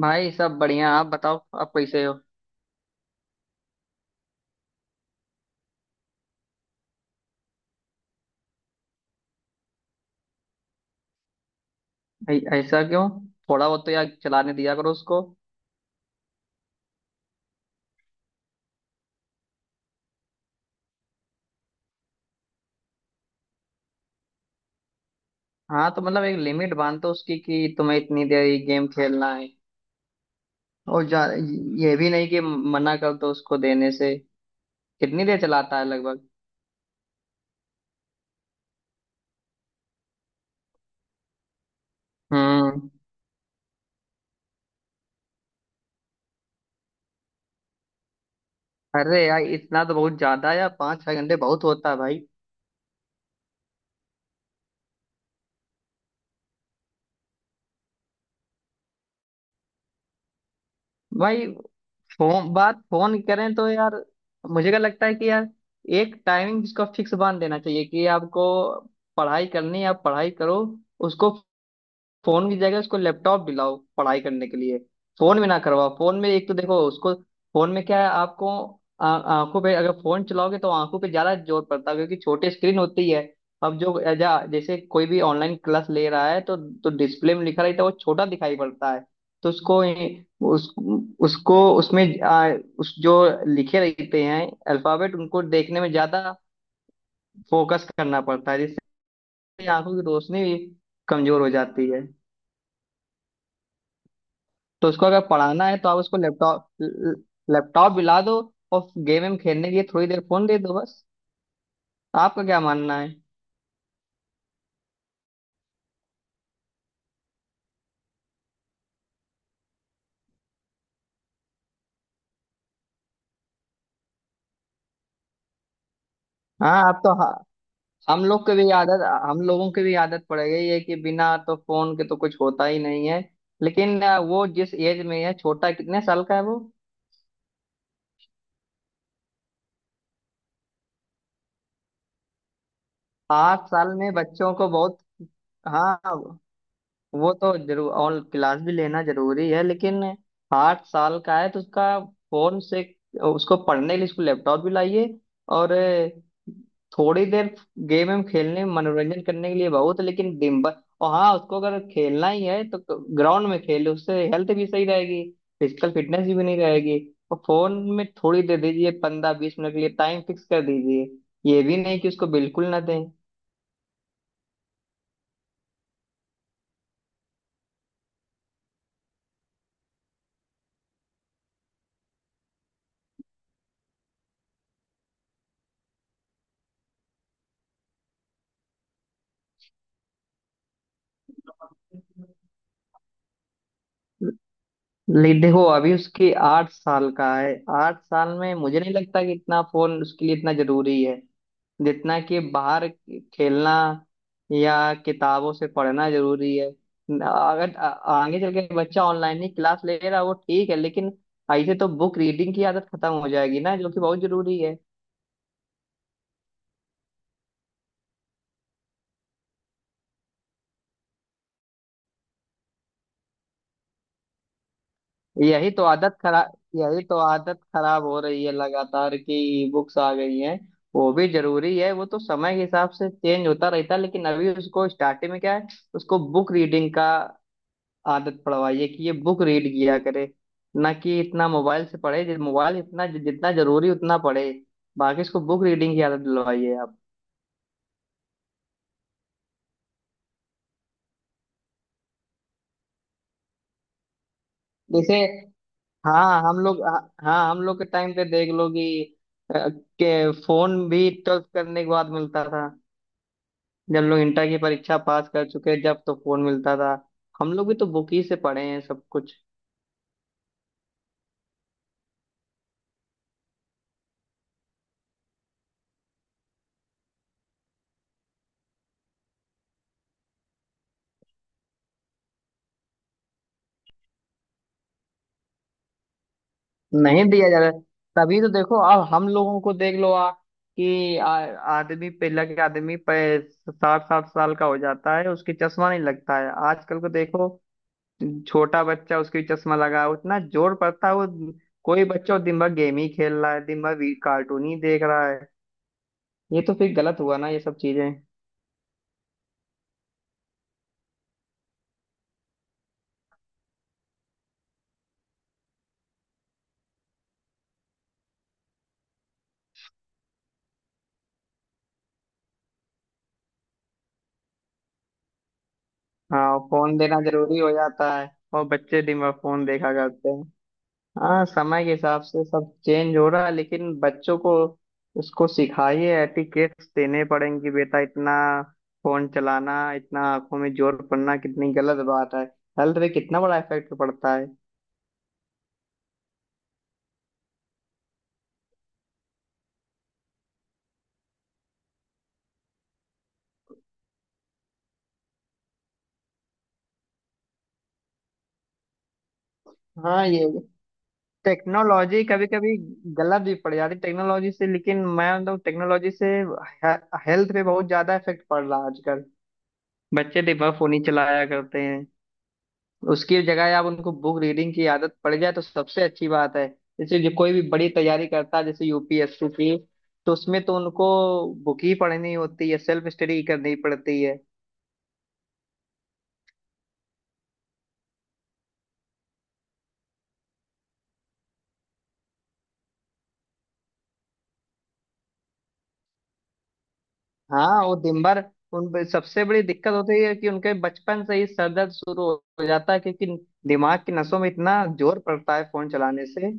भाई सब बढ़िया। आप बताओ आप कैसे हो। ऐसा क्यों? थोड़ा बहुत तो यार चलाने दिया करो उसको। हाँ तो मतलब एक लिमिट बांध दो उसकी कि तुम्हें इतनी देर ये गेम खेलना है और जा। ये भी नहीं कि मना कर दो उसको देने से। कितनी देर चलाता है लगभग? हम्म। अरे यार इतना तो बहुत ज्यादा है यार, पाँच छह घंटे बहुत होता है भाई। भाई फोन बात फोन करें तो यार मुझे क्या लगता है कि यार एक टाइमिंग जिसका फिक्स बांध देना चाहिए कि आपको पढ़ाई करनी है, आप पढ़ाई करो उसको। फोन की जगह उसको लैपटॉप दिलाओ पढ़ाई करने के लिए। फोन में ना करवाओ, फोन में एक तो देखो उसको फोन में क्या है आपको। आंखों पे अगर फोन चलाओगे तो आंखों पे ज्यादा जोर पड़ता है क्योंकि छोटी स्क्रीन होती है। अब जो जैसे कोई भी ऑनलाइन क्लास ले रहा है तो डिस्प्ले में लिखा रहता है वो छोटा दिखाई पड़ता है। तो उसको उस उसको उसमें उस जो लिखे रहते हैं अल्फाबेट उनको देखने में ज्यादा फोकस करना पड़ता है जिससे आंखों की रोशनी भी कमजोर हो जाती है। तो उसको अगर पढ़ाना है तो आप उसको लैपटॉप लैपटॉप दिला दो और गेम वेम खेलने के लिए थोड़ी देर फोन दे दो बस। आपका क्या मानना है? हाँ आप तो, हाँ, हम लोग की भी आदत हम लोगों की भी आदत पड़ गई है कि बिना तो फोन के तो कुछ होता ही नहीं है। लेकिन वो जिस एज में है, छोटा कितने साल का है वो? आठ साल में बच्चों को बहुत। हाँ वो तो जरूर, और क्लास भी लेना जरूरी है, लेकिन आठ साल का है तो उसका फोन से उसको पढ़ने के लिए उसको लैपटॉप भी लाइए। और थोड़ी देर गेम हम खेलने मनोरंजन करने के लिए बहुत, लेकिन दिन भर। और हाँ उसको अगर खेलना ही है तो ग्राउंड में खेले, उससे हेल्थ भी सही रहेगी, फिजिकल फिटनेस भी बनी रहेगी। और फोन में थोड़ी दे दीजिए, पंद्रह बीस मिनट के लिए टाइम फिक्स कर दीजिए, ये भी नहीं कि उसको बिल्कुल ना दें। ले देखो अभी उसकी आठ साल का है, आठ साल में मुझे नहीं लगता कि इतना फोन उसके लिए इतना जरूरी है जितना कि बाहर खेलना या किताबों से पढ़ना जरूरी है। अगर आगे चल के बच्चा ऑनलाइन ही क्लास ले रहा है वो ठीक है, लेकिन ऐसे तो बुक रीडिंग की आदत खत्म हो जाएगी ना, जो कि बहुत जरूरी है। यही तो आदत खराब हो रही है लगातार कि बुक्स आ गई हैं। वो भी जरूरी है, वो तो समय के हिसाब से चेंज होता रहता है, लेकिन अभी उसको स्टार्टिंग में क्या है, उसको बुक रीडिंग का आदत पड़वाइए कि ये बुक रीड किया करे, ना कि इतना मोबाइल से पढ़े। मोबाइल इतना जितना जरूरी उतना पढ़े, बाकी इसको बुक रीडिंग की आदत दिलवाइए आप। जैसे, हाँ हम लोग हाँ हम लोग के टाइम पे देख लो कि अ, के फोन भी ट्वेल्थ करने के बाद मिलता था, जब लोग इंटर की परीक्षा पास कर चुके जब तो फोन मिलता था। हम लोग भी तो बुक ही से पढ़े हैं सब कुछ। नहीं दिया जा रहा। तभी तो देखो अब हम लोगों को देख लो आ कि आदमी पहला के आदमी पे साठ साठ साल का हो जाता है उसकी चश्मा नहीं लगता है। आजकल को देखो छोटा बच्चा उसकी चश्मा लगा है, उतना जोर पड़ता है वो। कोई बच्चा वो दिन भर गेम ही खेल रहा है, दिन भर भी कार्टून ही देख रहा है, ये तो फिर गलत हुआ ना ये सब चीजें। हाँ फोन देना जरूरी हो जाता है और बच्चे दिन भर फोन देखा करते हैं। हाँ समय के हिसाब से सब चेंज हो रहा है, लेकिन बच्चों को उसको सिखाइए, एटिकेट्स देने पड़ेंगे बेटा इतना। फोन चलाना, इतना आंखों में जोर पड़ना कितनी गलत बात है, हेल्थ पे कितना बड़ा इफेक्ट पड़ता है। हाँ ये टेक्नोलॉजी कभी कभी गलत भी पड़ जाती है। टेक्नोलॉजी से, लेकिन मैं मतलब टेक्नोलॉजी से हेल्थ पे बहुत ज्यादा इफेक्ट पड़ रहा है आजकल। बच्चे दिन भर फोन ही चलाया करते हैं, उसकी जगह आप उनको बुक रीडिंग की आदत पड़ जाए तो सबसे अच्छी बात है। जैसे जो कोई भी बड़ी तैयारी करता है जैसे यूपीएससी की, तो उसमें तो उनको बुक ही पढ़नी होती है, सेल्फ स्टडी करनी पड़ती है। हाँ, वो दिन भर उन पे सबसे बड़ी दिक्कत होती है कि उनके बचपन से ही सर दर्द शुरू हो जाता है, क्योंकि दिमाग की नसों में इतना जोर पड़ता है फोन चलाने से।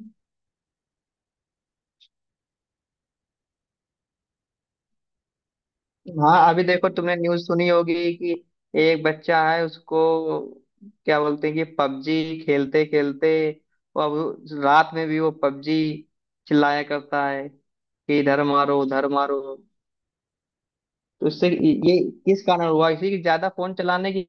हाँ अभी देखो तुमने न्यूज़ सुनी होगी कि एक बच्चा है, उसको क्या बोलते हैं कि पबजी खेलते खेलते वो अब रात में भी वो पबजी चिल्लाया करता है कि इधर मारो उधर मारो। तो उससे ये किस कारण हुआ, इसी की ज्यादा फोन चलाने की।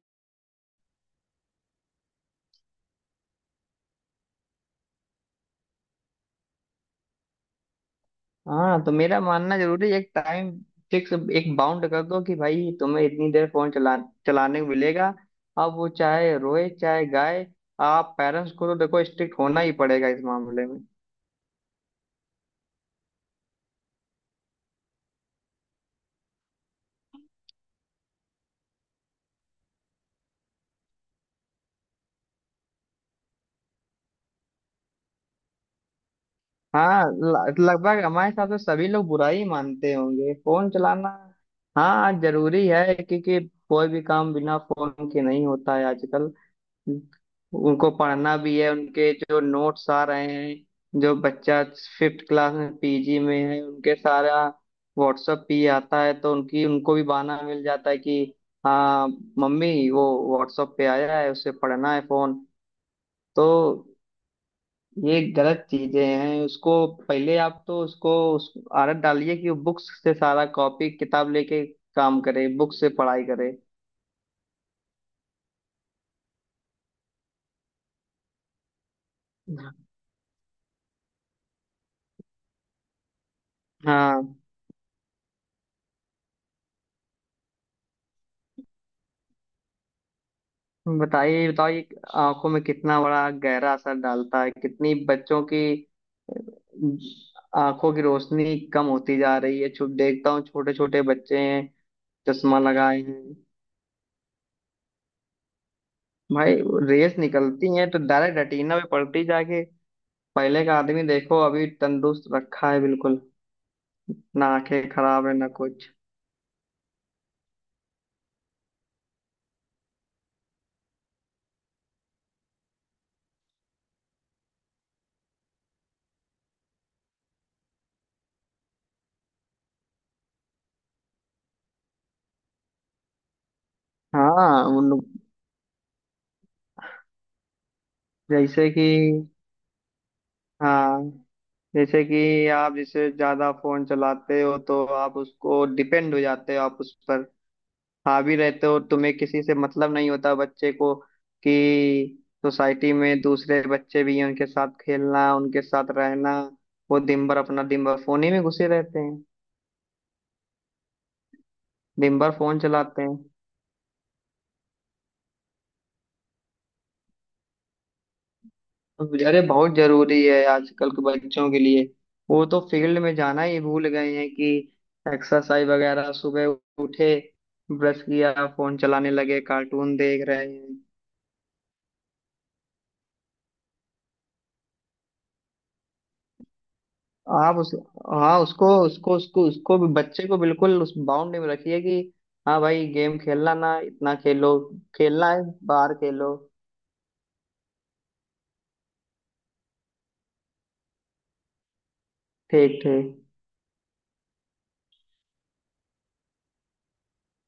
हाँ तो मेरा मानना जरूरी है, एक टाइम फिक्स, एक बाउंड कर दो कि भाई तुम्हें इतनी देर फोन चलाने को मिलेगा। अब वो चाहे रोए चाहे गाए, आप पेरेंट्स को तो देखो स्ट्रिक्ट होना ही पड़ेगा इस मामले में। हाँ, लगभग हमारे हिसाब से सभी लोग बुरा ही मानते होंगे फोन चलाना। हाँ जरूरी है क्योंकि कोई भी काम बिना फोन के नहीं होता है आजकल। उनको पढ़ना भी है, उनके जो नोट्स आ रहे हैं जो बच्चा फिफ्थ क्लास में पीजी में है, उनके सारा व्हाट्सएप पे ही आता है तो उनकी उनको भी बहाना मिल जाता है कि हाँ मम्मी वो व्हाट्सएप पे आया है उसे पढ़ना है फोन। तो ये गलत चीजें हैं। उसको पहले आप तो उसको उस आदत डालिए कि वो बुक्स से सारा कॉपी किताब लेके काम करे, बुक से पढ़ाई करे। हाँ, बताइए बताइए आंखों में कितना बड़ा गहरा असर डालता है, कितनी बच्चों की आंखों की रोशनी कम होती जा रही है। देखता हूँ छोटे छोटे बच्चे हैं चश्मा लगाए हैं भाई। रेस निकलती है तो डायरेक्ट रेटिना पे पड़ती जाके। पहले का आदमी देखो अभी तंदुरुस्त रखा है बिल्कुल, ना आंखें खराब है ना कुछ। हाँ उन, जैसे कि, हाँ, जैसे कि आप जैसे ज्यादा फोन चलाते हो तो आप उसको डिपेंड हो जाते हो, आप उस पर हावी रहते हो, तुम्हें किसी से मतलब नहीं होता बच्चे को, कि सोसाइटी में दूसरे बच्चे भी हैं उनके साथ खेलना उनके साथ रहना। वो दिन भर अपना दिन भर फोन ही में घुसे रहते हैं, दिन भर फोन चलाते हैं। अरे बहुत जरूरी है आजकल के बच्चों के लिए, वो तो फील्ड में जाना ही भूल गए हैं कि एक्सरसाइज वगैरह। सुबह उठे, ब्रश किया, फोन चलाने लगे, कार्टून देख रहे हैं। आप उस, हाँ उसको, उसको भी बच्चे को बिल्कुल उस बाउंड में रखिए कि हाँ भाई गेम खेलना ना इतना, खेलो खेलना है बाहर खेलो। ठीक ठीक।